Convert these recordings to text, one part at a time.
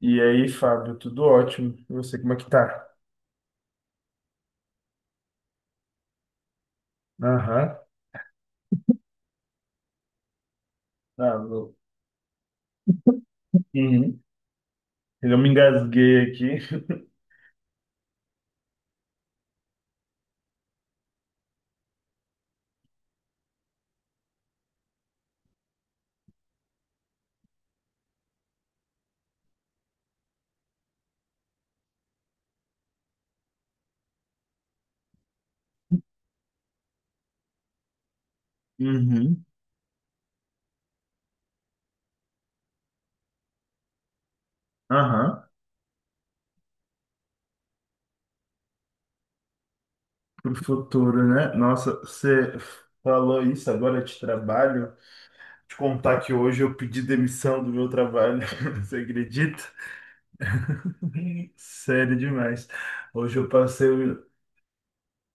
E aí, Fábio, tudo ótimo. E você, como é que tá? Aham. Ah, meu. Uhum. Eu me engasguei aqui. Uhum. Aham. Pro futuro, né? Nossa, você falou isso agora de trabalho. Te contar que hoje eu pedi demissão do meu trabalho. Você acredita? Sério demais. Hoje eu passei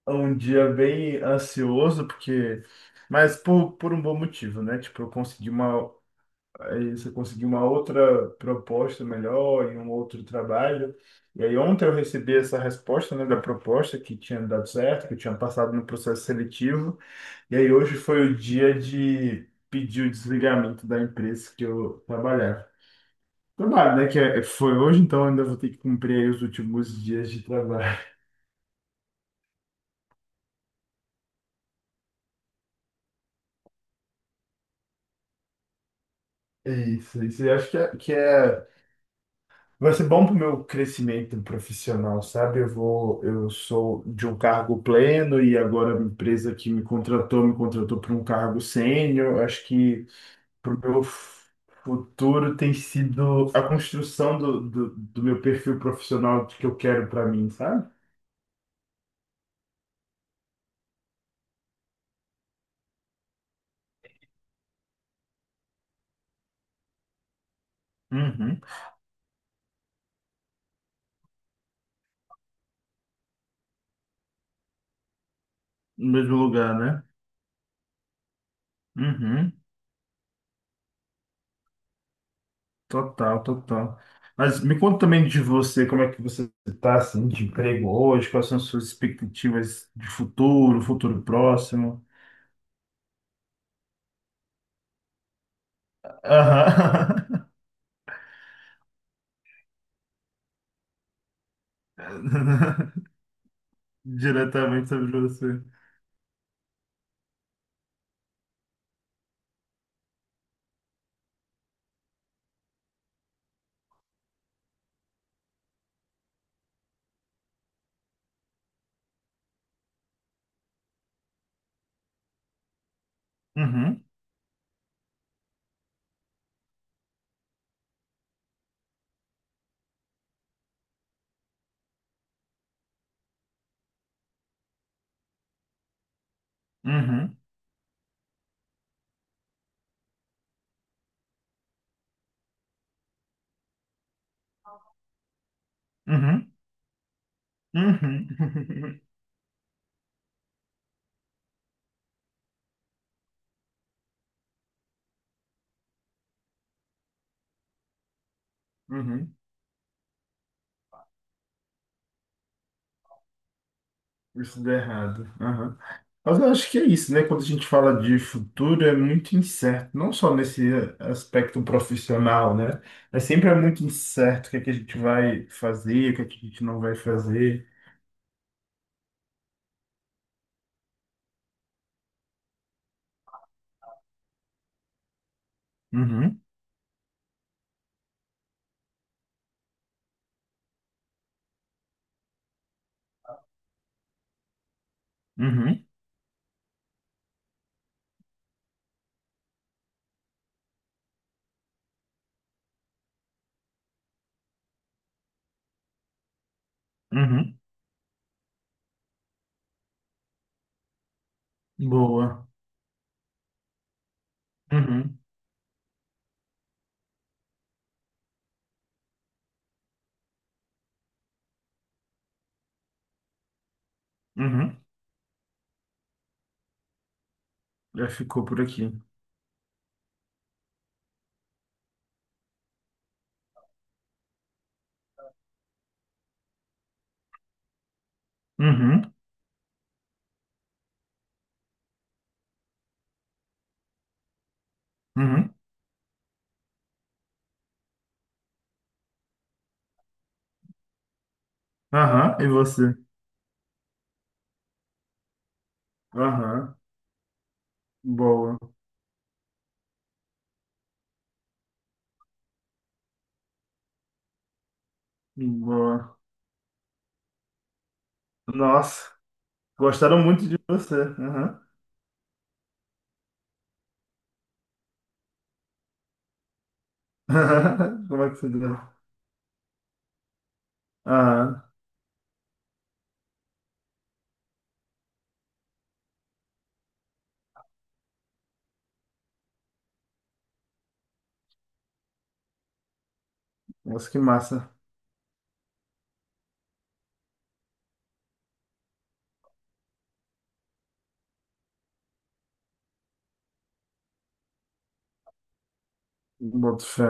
um dia bem ansioso, porque. Mas por um bom motivo, né? Tipo, eu consegui uma aí você conseguiu uma outra proposta melhor e um outro trabalho. E aí ontem eu recebi essa resposta, né, da proposta que tinha dado certo, que eu tinha passado no processo seletivo. E aí hoje foi o dia de pedir o desligamento da empresa que eu trabalhava. Trabalho, né, que é- foi hoje, então ainda vou ter que cumprir aí os últimos dias de trabalho. É isso, isso. Eu acho que é que é vai ser bom para o meu crescimento profissional, sabe? Eu vou, eu sou de um cargo pleno e agora a empresa que me contratou para um cargo sênior. Eu acho que para o meu futuro tem sido a construção do meu perfil profissional que eu quero para mim, sabe? Uhum. No mesmo lugar, né? Uhum. Total, total. Mas me conta também de você, como é que você está assim, de emprego hoje, quais são as suas expectativas de futuro, futuro próximo? Aham. Diretamente sobre você. Uhum, uhum, uhum, uhum, uhum. Isso dá errado. Aham. Mas eu acho que é isso, né? Quando a gente fala de futuro, é muito incerto. Não só nesse aspecto profissional, né? Mas sempre é muito incerto o que é que a gente vai fazer, o que é que a gente não vai fazer. Uhum, uhum, uhum. Boa. Uhum, uhum. Já ficou por aqui. Uhum, uhum. Aham, e você? Aham. Boa, boa. Nossa, gostaram muito de você. Aham. Como é que você deu? Ah, nossa, que massa. Boto fé.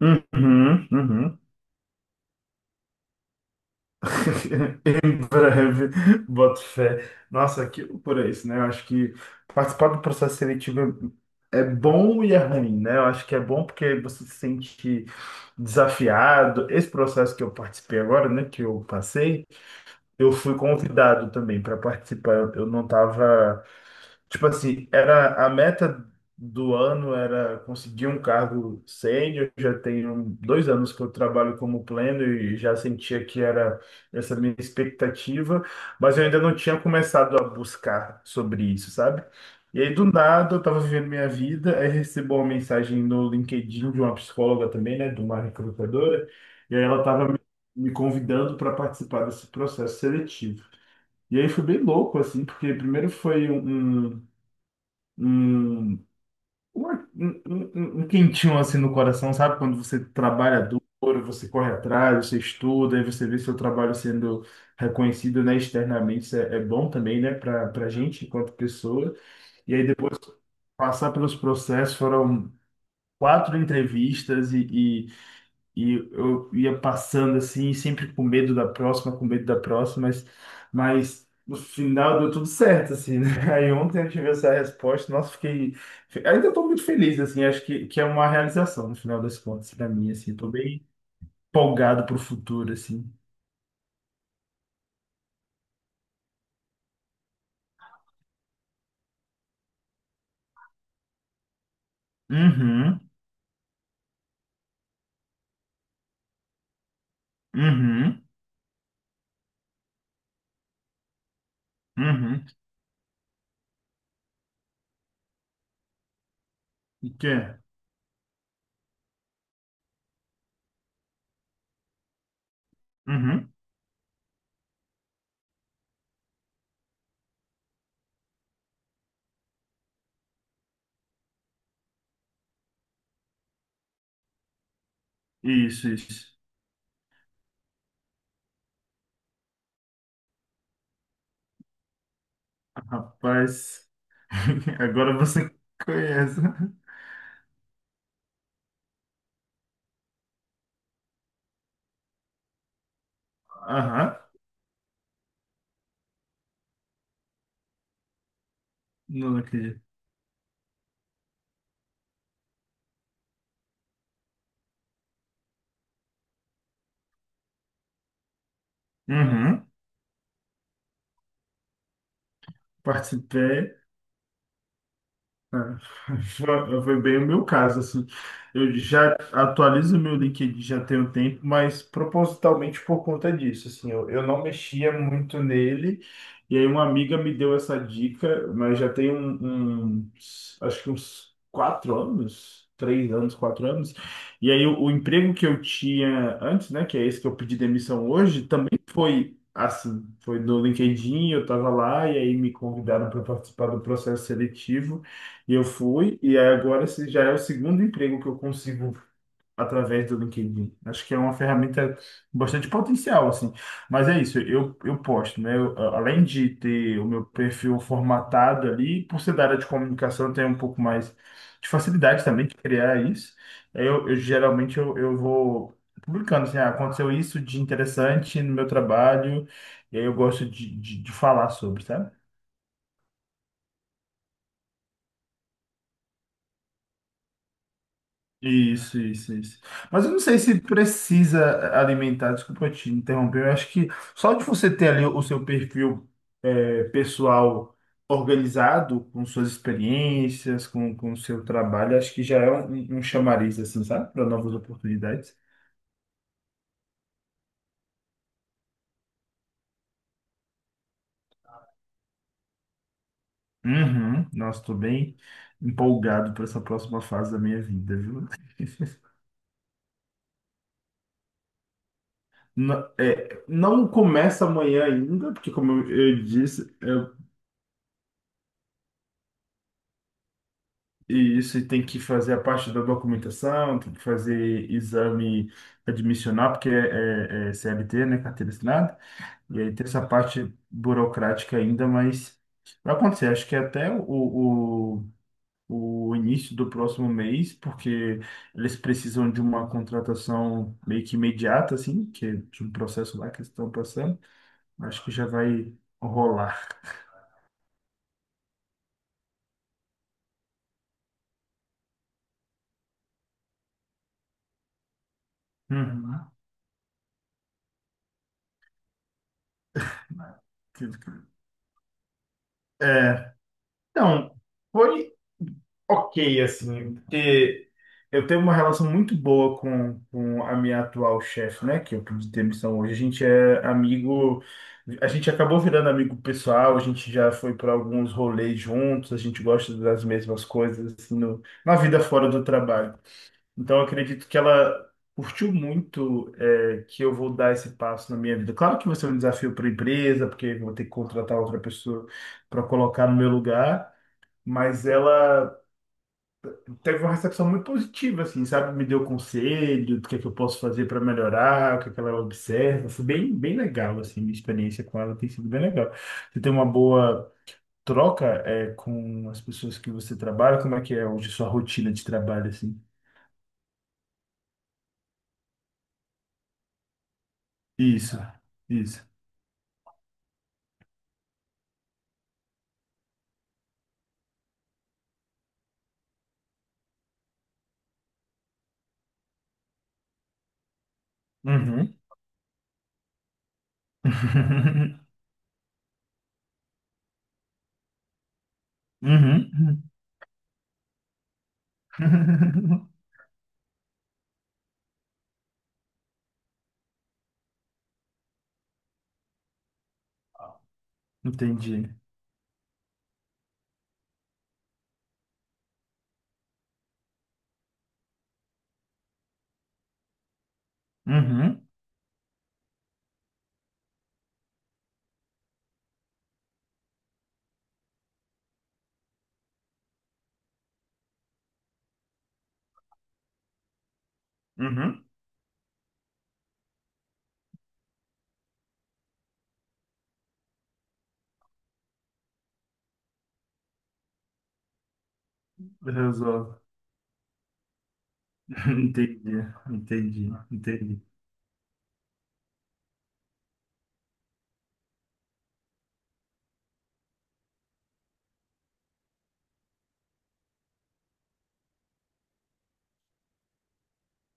Uhum, uhum. Em breve, boto fé. Nossa, que loucura isso, né? Eu acho que participar do processo seletivo é é bom e é ruim, né? Eu acho que é bom porque você se sente desafiado. Esse processo que eu participei agora, né, que eu passei, eu fui convidado também para participar. Eu não estava. Tipo assim, era a meta do ano era conseguir um cargo sênior. Já tenho 2 anos que eu trabalho como pleno e já sentia que era essa minha expectativa, mas eu ainda não tinha começado a buscar sobre isso, sabe? E aí, do nada, eu estava vivendo minha vida, aí recebo uma mensagem no LinkedIn de uma psicóloga também, né, de uma recrutadora, e aí ela estava me convidando para participar desse processo seletivo. E aí foi bem louco, assim, porque primeiro foi um, um quentinho assim no coração, sabe? Quando você trabalha duro, você corre atrás, você estuda, aí você vê seu trabalho sendo reconhecido, né, externamente, isso é, é bom também, né, para gente enquanto pessoa. E aí depois passar pelos processos, foram 4 entrevistas e eu ia passando assim, sempre com medo da próxima, com medo da próxima, mas no final deu tudo certo, assim, né? Aí ontem eu tive essa resposta, nossa, ainda estou muito feliz, assim, acho que é uma realização no final das contas para mim, assim, estou bem empolgado para o futuro, assim. Uhum, uhum, uhum. O que é? Uhum. Isso, isso. Rapaz, agora você conhece. Aham, não acredito. Uhum. Participei. Foi bem o meu caso, assim. Eu já atualizo meu LinkedIn já tem um tempo, mas propositalmente por conta disso, assim, eu não mexia muito nele. E aí uma amiga me deu essa dica, mas já tem acho que uns 4 anos, 3 anos, 4 anos. E aí o emprego que eu tinha antes, né, que é esse que eu pedi demissão hoje, também foi assim, foi no LinkedIn, eu estava lá e aí me convidaram para participar do processo seletivo. E eu fui, e aí agora esse já é o segundo emprego que eu consigo através do LinkedIn. Acho que é uma ferramenta bastante potencial, assim. Mas é isso, eu posto, né? Eu, a- além de ter o meu perfil formatado ali, por ser da área de comunicação, eu tenho um pouco mais de facilidade também de criar isso. Aí eu geralmente eu vou publicando, assim, ah, aconteceu isso de interessante no meu trabalho, e aí eu gosto de falar sobre, sabe? Isso, isso, isso. Mas eu não sei se precisa alimentar, desculpa te interromper, eu acho que só de você ter ali o seu perfil é, pessoal organizado, com suas experiências, com o seu trabalho, acho que já é um chamariz, assim, sabe? Para novas oportunidades. Uhum. Nossa, estou bem empolgado para essa próxima fase da minha vida, viu? Não, é, não começa amanhã ainda, porque como eu disse, e isso e tem que fazer a parte da documentação, tem que fazer exame admissional, porque é, é- é CLT, né, carteira assinada, e aí tem essa parte burocrática ainda, mas vai acontecer, acho que até o início do próximo mês, porque eles precisam de uma contratação meio que imediata, assim, que é de um processo lá que eles estão passando, acho que já vai rolar. Uhum. É, então, foi. Ok, assim, porque eu tenho uma relação muito boa com a minha atual chefe, né? Que eu pedi demissão hoje. A gente é amigo, a gente acabou virando amigo pessoal, a gente já foi para alguns rolês juntos, a gente gosta das mesmas coisas, assim, no, na vida fora do trabalho. Então, eu acredito que ela curtiu muito, é, que eu vou dar esse passo na minha vida. Claro que vai ser um desafio para a empresa, porque eu vou ter que contratar outra pessoa para colocar no meu lugar, mas ela teve uma recepção muito positiva, assim, sabe? Me deu conselho do que é que eu posso fazer para melhorar, o que é que ela observa. Foi bem, bem legal, assim, minha experiência com ela tem sido bem legal. Você tem uma boa troca, é, com as pessoas que você trabalha? Como é que é hoje a sua rotina de trabalho, assim? Isso, isso. Uhum. Uhum. Entendi. Uhum. Uhum. Resolve. Entendi, entendi, entendi.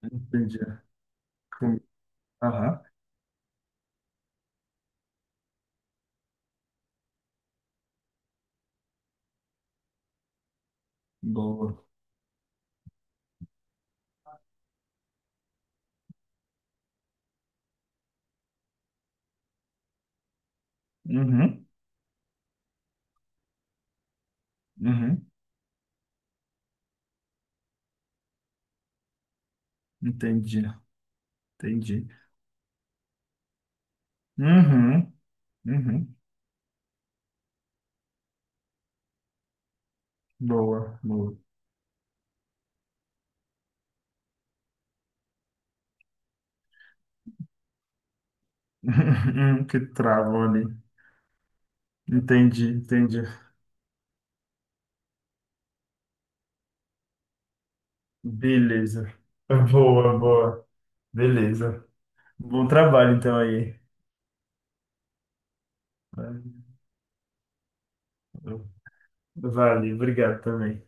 Entendi. Com- Aham. Boa. Uhum, uhum, entendi, entendi. Uhum, uhum, boa, boa. Uhum, que travam ali. Entendi, entendi. Beleza. Boa, boa. Beleza. Bom trabalho então aí. Vale, obrigado também.